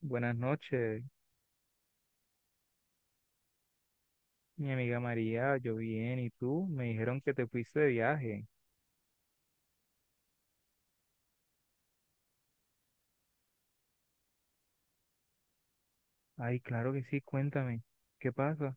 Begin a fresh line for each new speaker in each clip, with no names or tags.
Buenas noches, mi amiga María, yo bien, ¿y tú? Me dijeron que te fuiste de viaje. Ay, claro que sí, cuéntame, ¿qué pasa?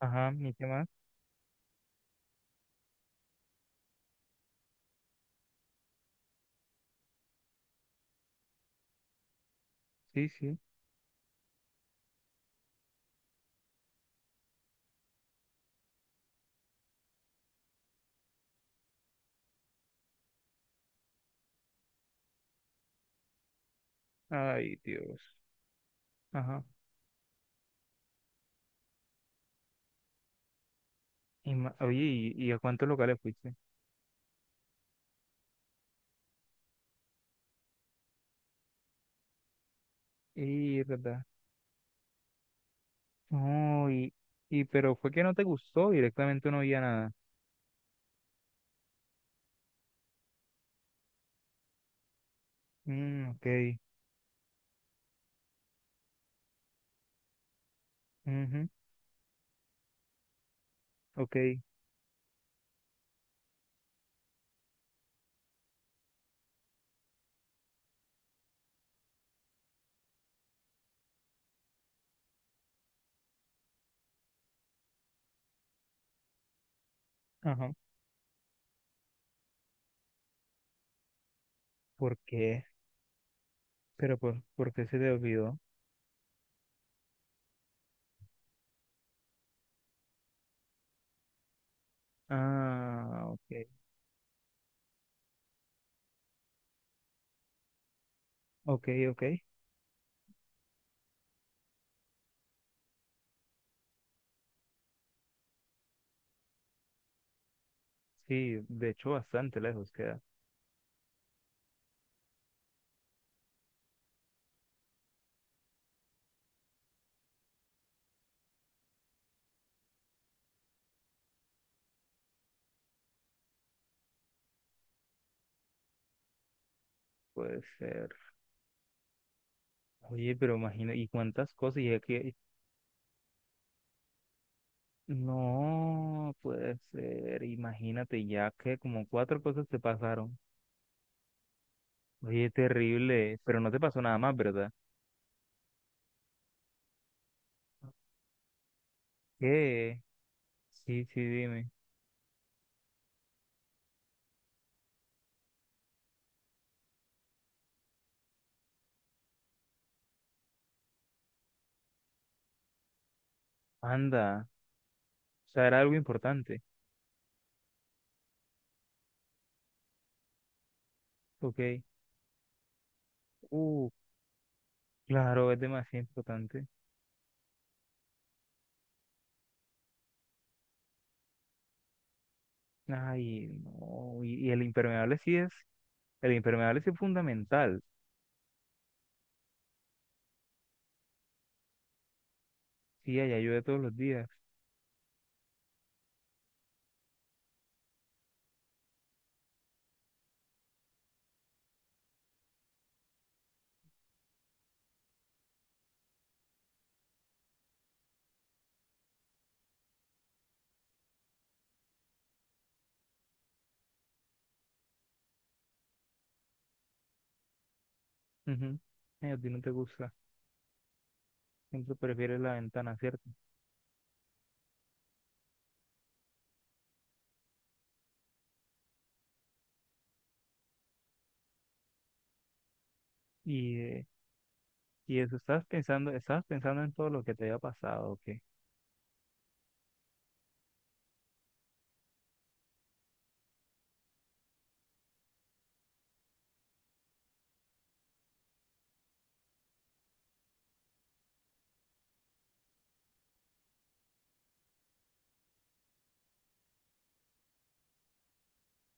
Ajá, ¿y qué más? Sí, sí. Ay, Dios. Ajá. Oye, ¿y a cuántos locales fuiste? Y, verdad. No, y, pero fue que no te gustó, directamente no había nada. Mm, ok, ujú, ok, ajá. ¿Por qué? Pero, por qué se te olvidó? Ah, ok, ok, ok. Sí, de hecho, bastante lejos queda. Puede ser. Oye, pero imagina, ¿y cuántas cosas? No, puede ser. Imagínate ya que como cuatro cosas te pasaron. Oye, terrible. Pero no te pasó nada más, ¿verdad? ¿Qué? Sí, sí, dime. Anda. O sea, era algo importante. Ok. Uh, claro, es demasiado importante. Ay, no. Y el impermeable sí el impermeable sí es fundamental. Sí, allá llueve todos los días. Ujú. Ay, a ti no te gusta. Siempre prefieres la ventana, ¿cierto? Y, eh, y eso, estabas pensando en todo lo que te había pasado, ¿o qué?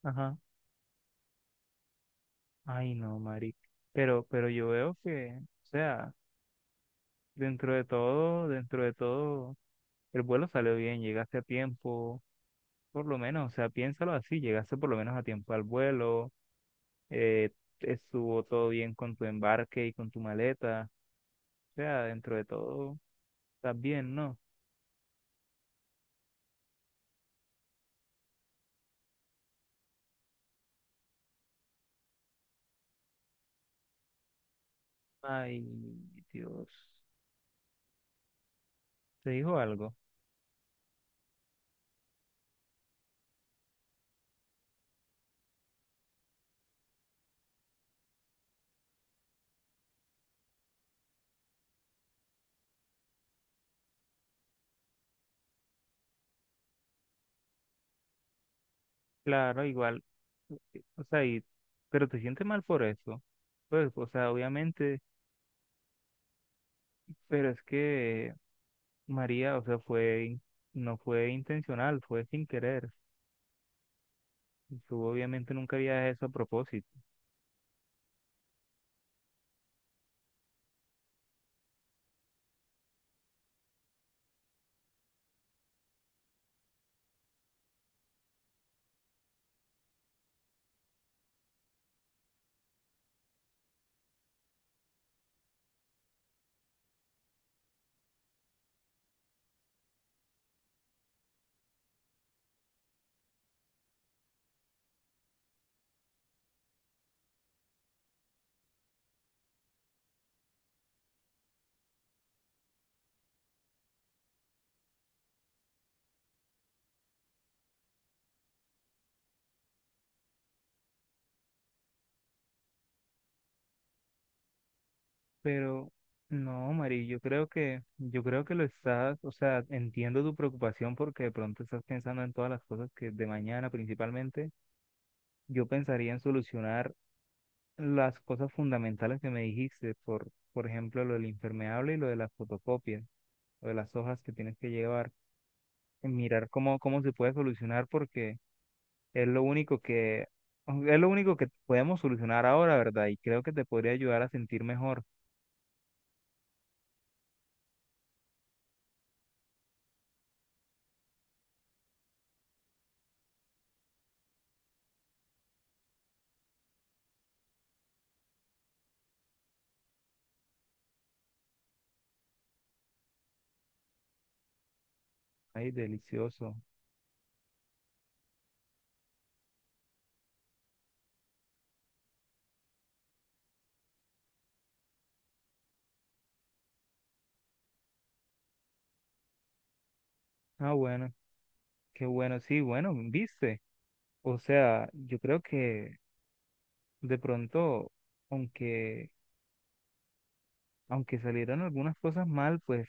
Ajá. Ay, no, Mari. Pero yo veo que, o sea, dentro de todo, el vuelo salió bien, llegaste a tiempo, por lo menos, o sea, piénsalo así, llegaste por lo menos a tiempo al vuelo, eh, estuvo todo bien con tu embarque y con tu maleta, o sea, dentro de todo, estás bien, ¿no? Ay, Dios. ¿Te dijo algo? Claro, igual, o sea, pero te sientes mal por eso. Pues, o sea, obviamente, pero es que María, o sea, no fue intencional, fue sin querer. Tú obviamente nunca había eso a propósito. Pero, no, María, yo creo que lo estás, o sea, entiendo tu preocupación porque de pronto estás pensando en todas las cosas que de mañana principalmente. Yo pensaría en solucionar las cosas fundamentales que me dijiste, por ejemplo, lo del impermeable y lo de las fotocopias, lo de las hojas que tienes que llevar, mirar cómo se puede solucionar, porque es lo único que, es lo único que podemos solucionar ahora, ¿verdad? Y creo que te podría ayudar a sentir mejor. Ay, delicioso. Ah, bueno, qué bueno, sí, bueno, viste. O sea, yo creo que de pronto, aunque, aunque salieron algunas cosas mal, pues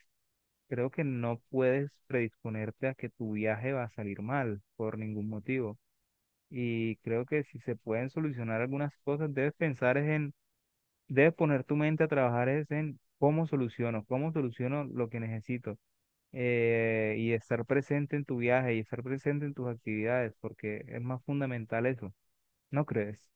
creo que no puedes predisponerte a que tu viaje va a salir mal por ningún motivo. Y creo que si se pueden solucionar algunas cosas, debes pensar es en, debes poner tu mente a trabajar es en cómo soluciono lo que necesito. Y estar presente en tu viaje y estar presente en tus actividades, porque es más fundamental eso, ¿no crees?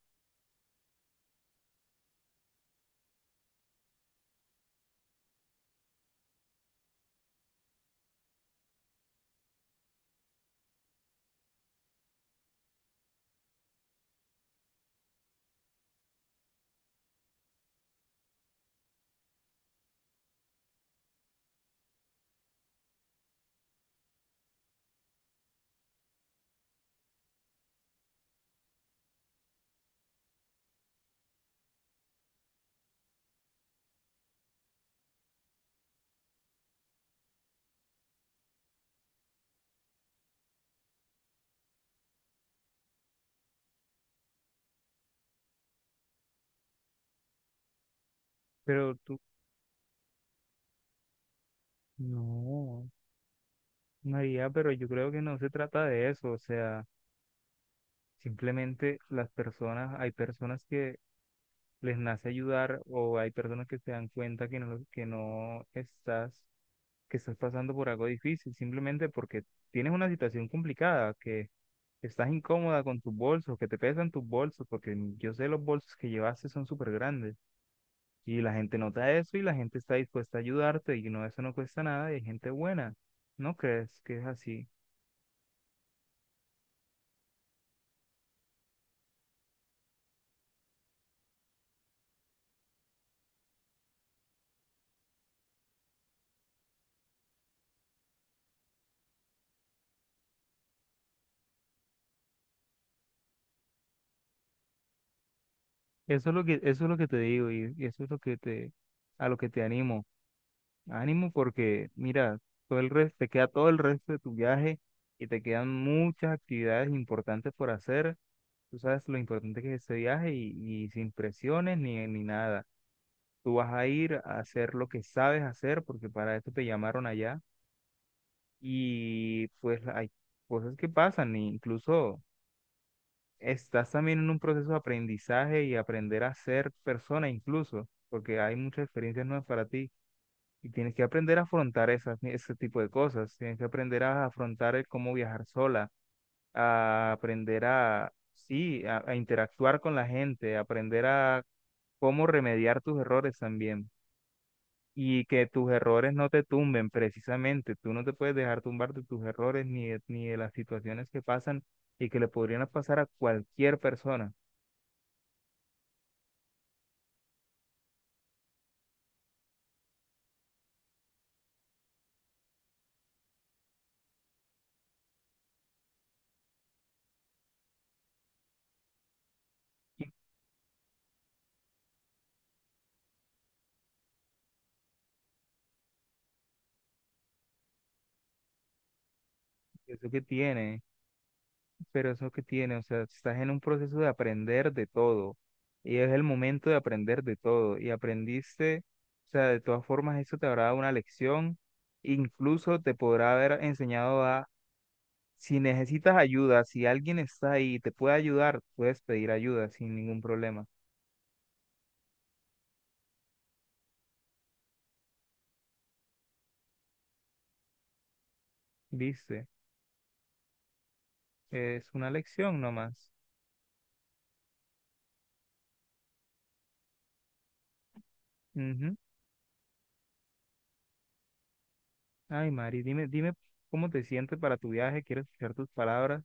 Pero tú, no, María, pero yo creo que no se trata de eso, o sea, simplemente las personas, hay personas que les nace ayudar o hay personas que se dan cuenta que no estás, que estás pasando por algo difícil, simplemente porque tienes una situación complicada, que estás incómoda con tus bolsos, que te pesan tus bolsos, porque yo sé los bolsos que llevaste son súper grandes y la gente nota eso y la gente está dispuesta a ayudarte y no, eso no cuesta nada y hay gente buena, ¿no crees que es así? Eso es lo que te digo y eso es lo que te, a lo que te animo. Ánimo porque, mira, te queda todo el resto de tu viaje y te quedan muchas actividades importantes por hacer. Tú sabes lo importante que es ese viaje y sin presiones ni nada. Tú vas a ir a hacer lo que sabes hacer porque para esto te llamaron allá y pues hay cosas que pasan, e incluso estás también en un proceso de aprendizaje y aprender a ser persona incluso porque hay muchas experiencias nuevas para ti. Y tienes que aprender a afrontar ese tipo de cosas. Tienes que aprender a afrontar el cómo viajar sola, a aprender a, sí, a interactuar con la gente, a aprender a cómo remediar tus errores también. Y que tus errores no te tumben precisamente. Tú no te puedes dejar tumbar de tus errores ni de las situaciones que pasan y que le podrían pasar a cualquier persona. Eso que tiene. Pero eso que tiene, o sea, estás en un proceso de aprender de todo y es el momento de aprender de todo y aprendiste, o sea, de todas formas eso te habrá dado una lección, incluso te podrá haber enseñado a, si necesitas ayuda, si alguien está ahí y te puede ayudar, puedes pedir ayuda sin ningún problema, ¿viste? Es una lección nomás. Ujú. Ay, Mari, dime, dime cómo te sientes para tu viaje, quiero escuchar tus palabras,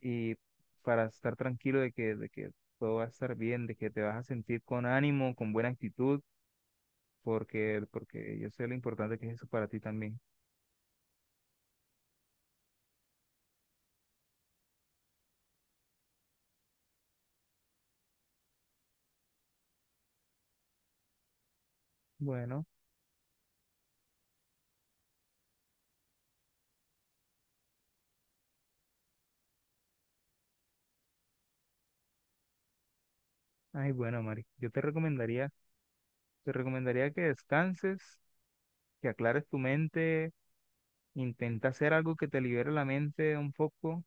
y para estar tranquilo de que todo va a estar bien, de que te vas a sentir con ánimo, con buena actitud, porque yo sé lo importante que es eso para ti también. Bueno, ay, bueno, Mari, te recomendaría que descanses, que aclares tu mente, intenta hacer algo que te libere la mente un poco.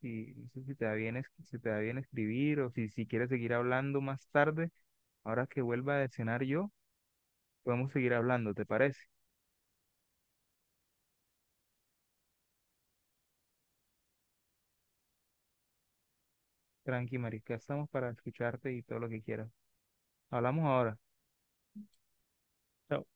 Si, no sé si te da bien, si te da bien escribir o si quieres seguir hablando más tarde, ahora que vuelva a cenar yo, podemos seguir hablando, ¿te parece? Tranqui, marica, estamos para escucharte y todo lo que quieras. Hablamos ahora. Chao.